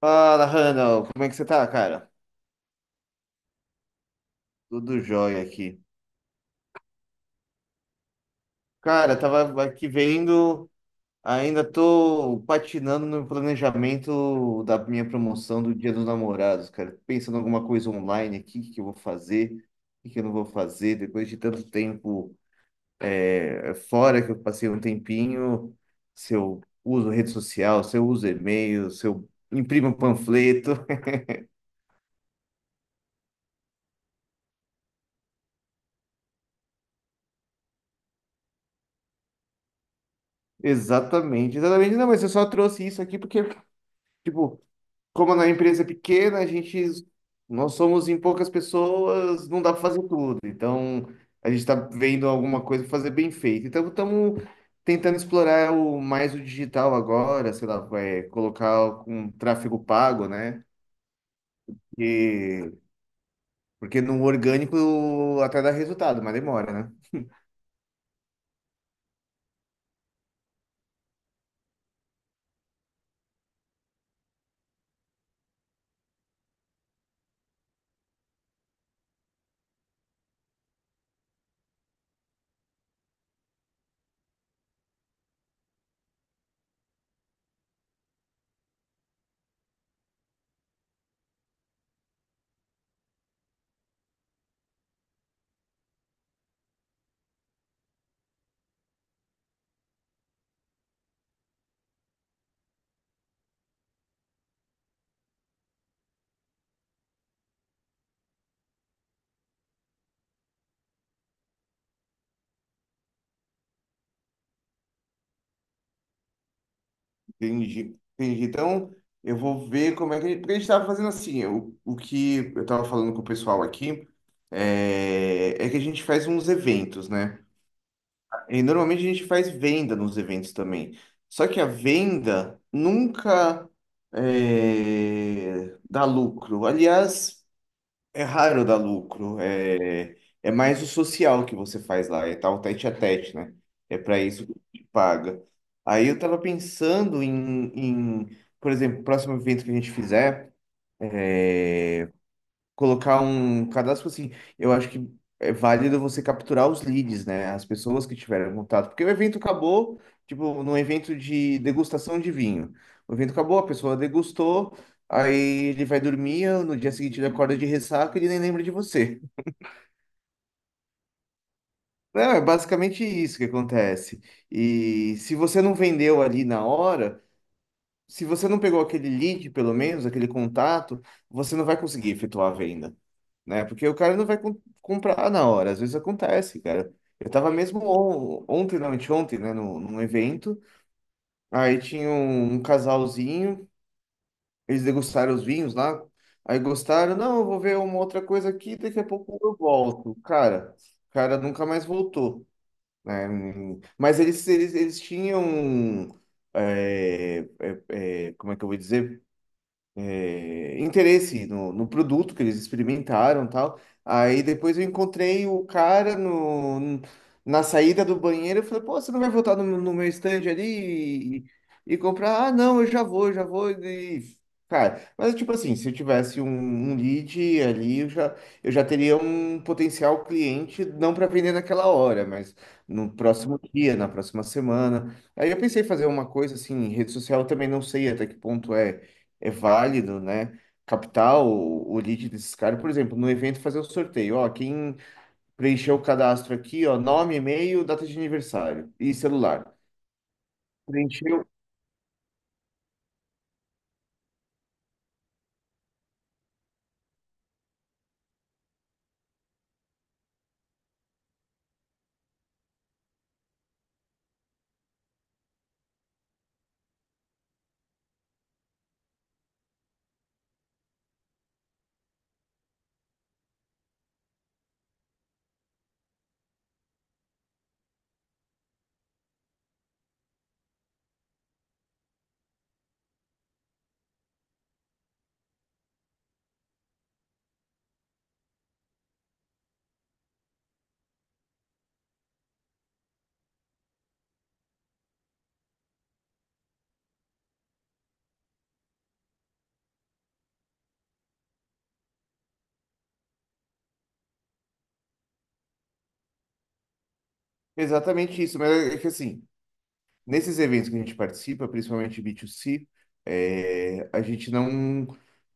Fala, Randall, como é que você tá, cara? Tudo jóia aqui. Cara, tava aqui vendo, ainda tô patinando no planejamento da minha promoção do Dia dos Namorados, cara. Pensando em alguma coisa online aqui, o que que eu vou fazer, o que que eu não vou fazer, depois de tanto tempo fora que eu passei um tempinho, se eu uso rede social, se eu uso e-mail, se eu imprimo um panfleto. Exatamente, exatamente. Não, mas eu só trouxe isso aqui porque, tipo. Como na empresa é pequena, a gente, nós somos em poucas pessoas, não dá para fazer tudo. Então, a gente está vendo alguma coisa pra fazer bem feito. Então, estamos tentando explorar mais o digital agora, sei lá, vai colocar um tráfego pago, né? E, porque no orgânico até dá resultado, mas demora, né? Entendi, entendi. Então, eu vou ver como é que. Porque a gente estava fazendo assim, o que eu estava falando com o pessoal aqui é que a gente faz uns eventos, né? E normalmente a gente faz venda nos eventos também. Só que a venda nunca dá lucro. Aliás, é raro dar lucro. É mais o social que você faz lá, é tal tete a tete, né? É para isso que te paga. Aí eu tava pensando em, em, por exemplo, próximo evento que a gente fizer, é, colocar um cadastro assim. Eu acho que é válido você capturar os leads, né? As pessoas que tiveram contato. Porque o evento acabou, tipo, num evento de degustação de vinho. O evento acabou, a pessoa degustou, aí ele vai dormir, no dia seguinte ele acorda de ressaca e ele nem lembra de você. Não, é basicamente isso que acontece. E se você não vendeu ali na hora, se você não pegou aquele lead, pelo menos, aquele contato, você não vai conseguir efetuar a venda, né? Porque o cara não vai comprar na hora. Às vezes acontece, cara. Eu tava mesmo ontem, não, anteontem, né, num evento. Aí tinha um casalzinho, eles degustaram os vinhos lá. Aí gostaram, não, eu vou ver uma outra coisa aqui, daqui a pouco eu volto. Cara, o cara nunca mais voltou né? Hum. Mas eles tinham. é, Como é que eu vou dizer? Interesse no produto que eles experimentaram e tal. Aí depois eu encontrei o cara no, na saída do banheiro e falei, pô, você não vai voltar no meu stand ali e comprar? Ah, não, eu já vou, eu já vou. E, cara, mas tipo assim, se eu tivesse um lead ali, eu já teria um potencial cliente, não para vender naquela hora, mas no próximo dia, na próxima semana. Aí eu pensei em fazer uma coisa assim, em rede social, eu também não sei até que ponto é válido, né? Captar o lead desses caras, por exemplo, no evento fazer o sorteio, ó, quem preencheu o cadastro aqui, ó, nome, e-mail, data de aniversário e celular. Preencheu exatamente isso, mas é que assim, nesses eventos que a gente participa, principalmente B2C, a gente não.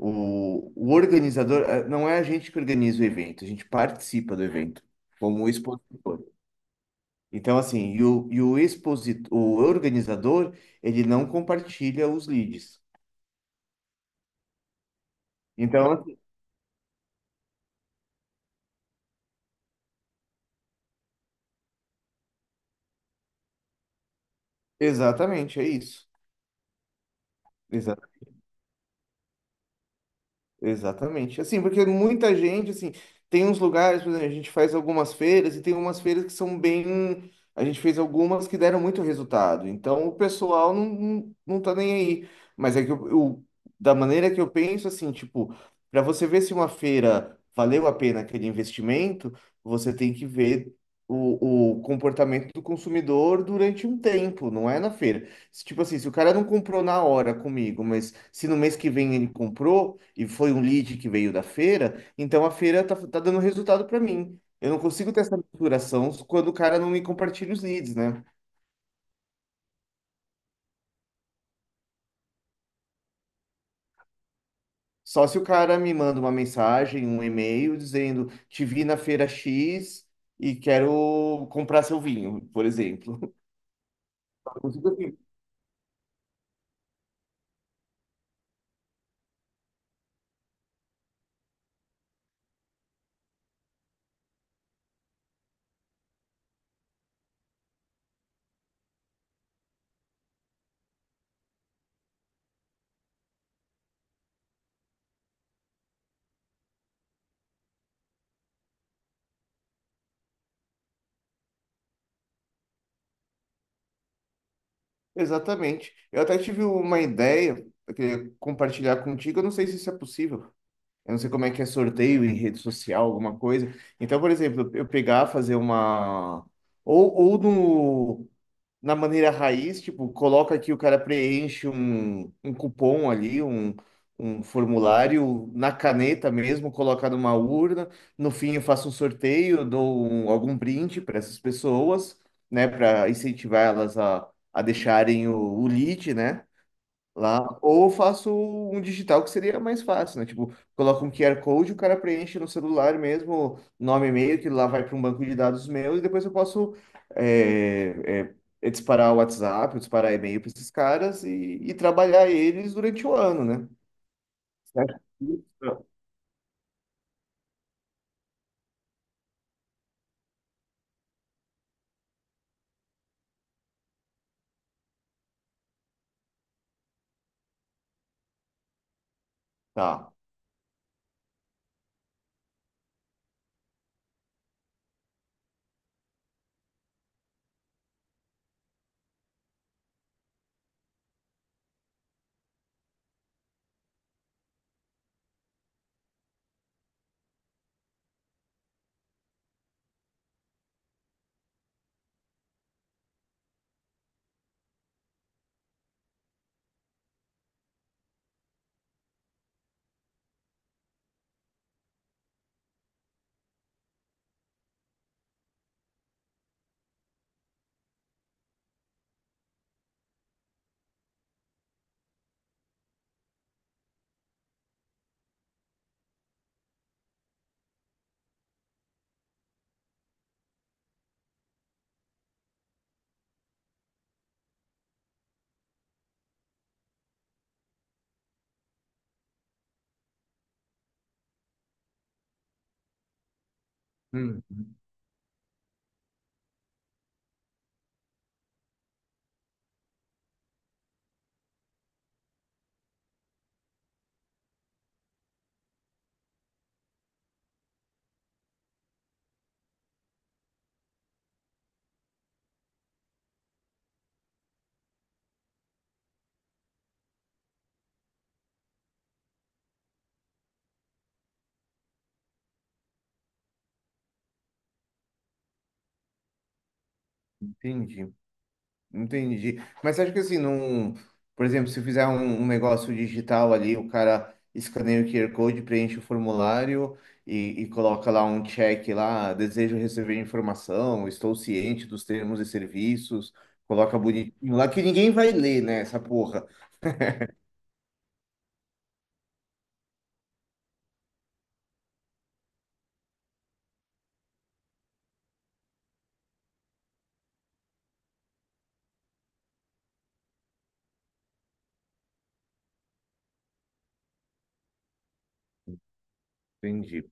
O organizador, não é a gente que organiza o evento, a gente participa do evento como expositor. Então, assim, e o expositor, o organizador, ele não compartilha os leads. Então, assim, exatamente, é isso. Exatamente. Assim, porque muita gente, assim, tem uns lugares, por exemplo, a gente faz algumas feiras e tem umas feiras que são bem. A gente fez algumas que deram muito resultado. Então o pessoal não, não, não tá nem aí. Mas é que da maneira que eu penso, assim, tipo, para você ver se uma feira valeu a pena aquele investimento, você tem que ver o comportamento do consumidor durante um tempo, não é na feira. Se, tipo assim, se o cara não comprou na hora comigo, mas se no mês que vem ele comprou e foi um lead que veio da feira, então a feira tá, tá dando resultado para mim. Eu não consigo ter essa maturação quando o cara não me compartilha os leads, né? Só se o cara me manda uma mensagem, um e-mail dizendo: Te vi na feira X e quero comprar seu vinho, por exemplo. Eu consigo, assim, exatamente. Eu até tive uma ideia, eu queria compartilhar contigo, eu não sei se isso é possível. Eu não sei como é que é sorteio em rede social, alguma coisa. Então, por exemplo, eu pegar, fazer uma. Ou no, na maneira raiz, tipo, coloca que o cara preenche um cupom ali, um formulário na caneta mesmo, coloca numa urna. No fim, eu faço um sorteio, algum brinde para essas pessoas, né, para incentivar elas a deixarem o lead, né? Lá, ou faço um digital que seria mais fácil, né? Tipo, coloca um QR Code, o cara preenche no celular mesmo, nome e e-mail, que lá vai para um banco de dados meu, e depois eu posso é, é, disparar o WhatsApp, disparar e-mail para esses caras e trabalhar eles durante o ano, né? Certo? Tá. Hum, entendi. Entendi. Mas acho que assim, num, por exemplo, se fizer um negócio digital ali, o cara escaneia o QR Code, preenche o formulário e coloca lá um check lá, desejo receber informação, estou ciente dos termos e serviços, coloca bonitinho lá, que ninguém vai ler, né, essa porra. Entendi.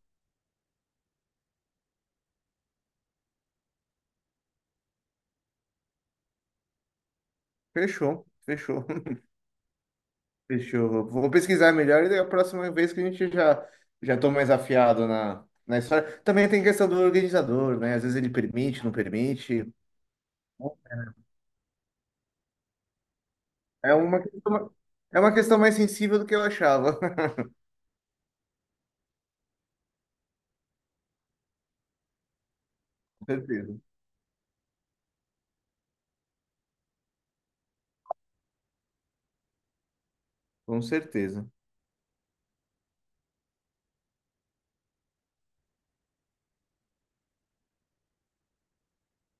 Fechou, fechou, fechou. Vou pesquisar melhor e daí a próxima vez que já tô mais afiado na história. Também tem questão do organizador, né? Às vezes ele permite, não permite. É uma questão, é uma questão mais sensível do que eu achava. Com certeza. Com certeza.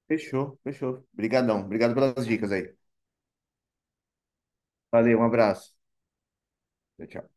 Fechou, fechou. Obrigadão. Obrigado pelas dicas aí. Valeu, um abraço. Tchau, tchau.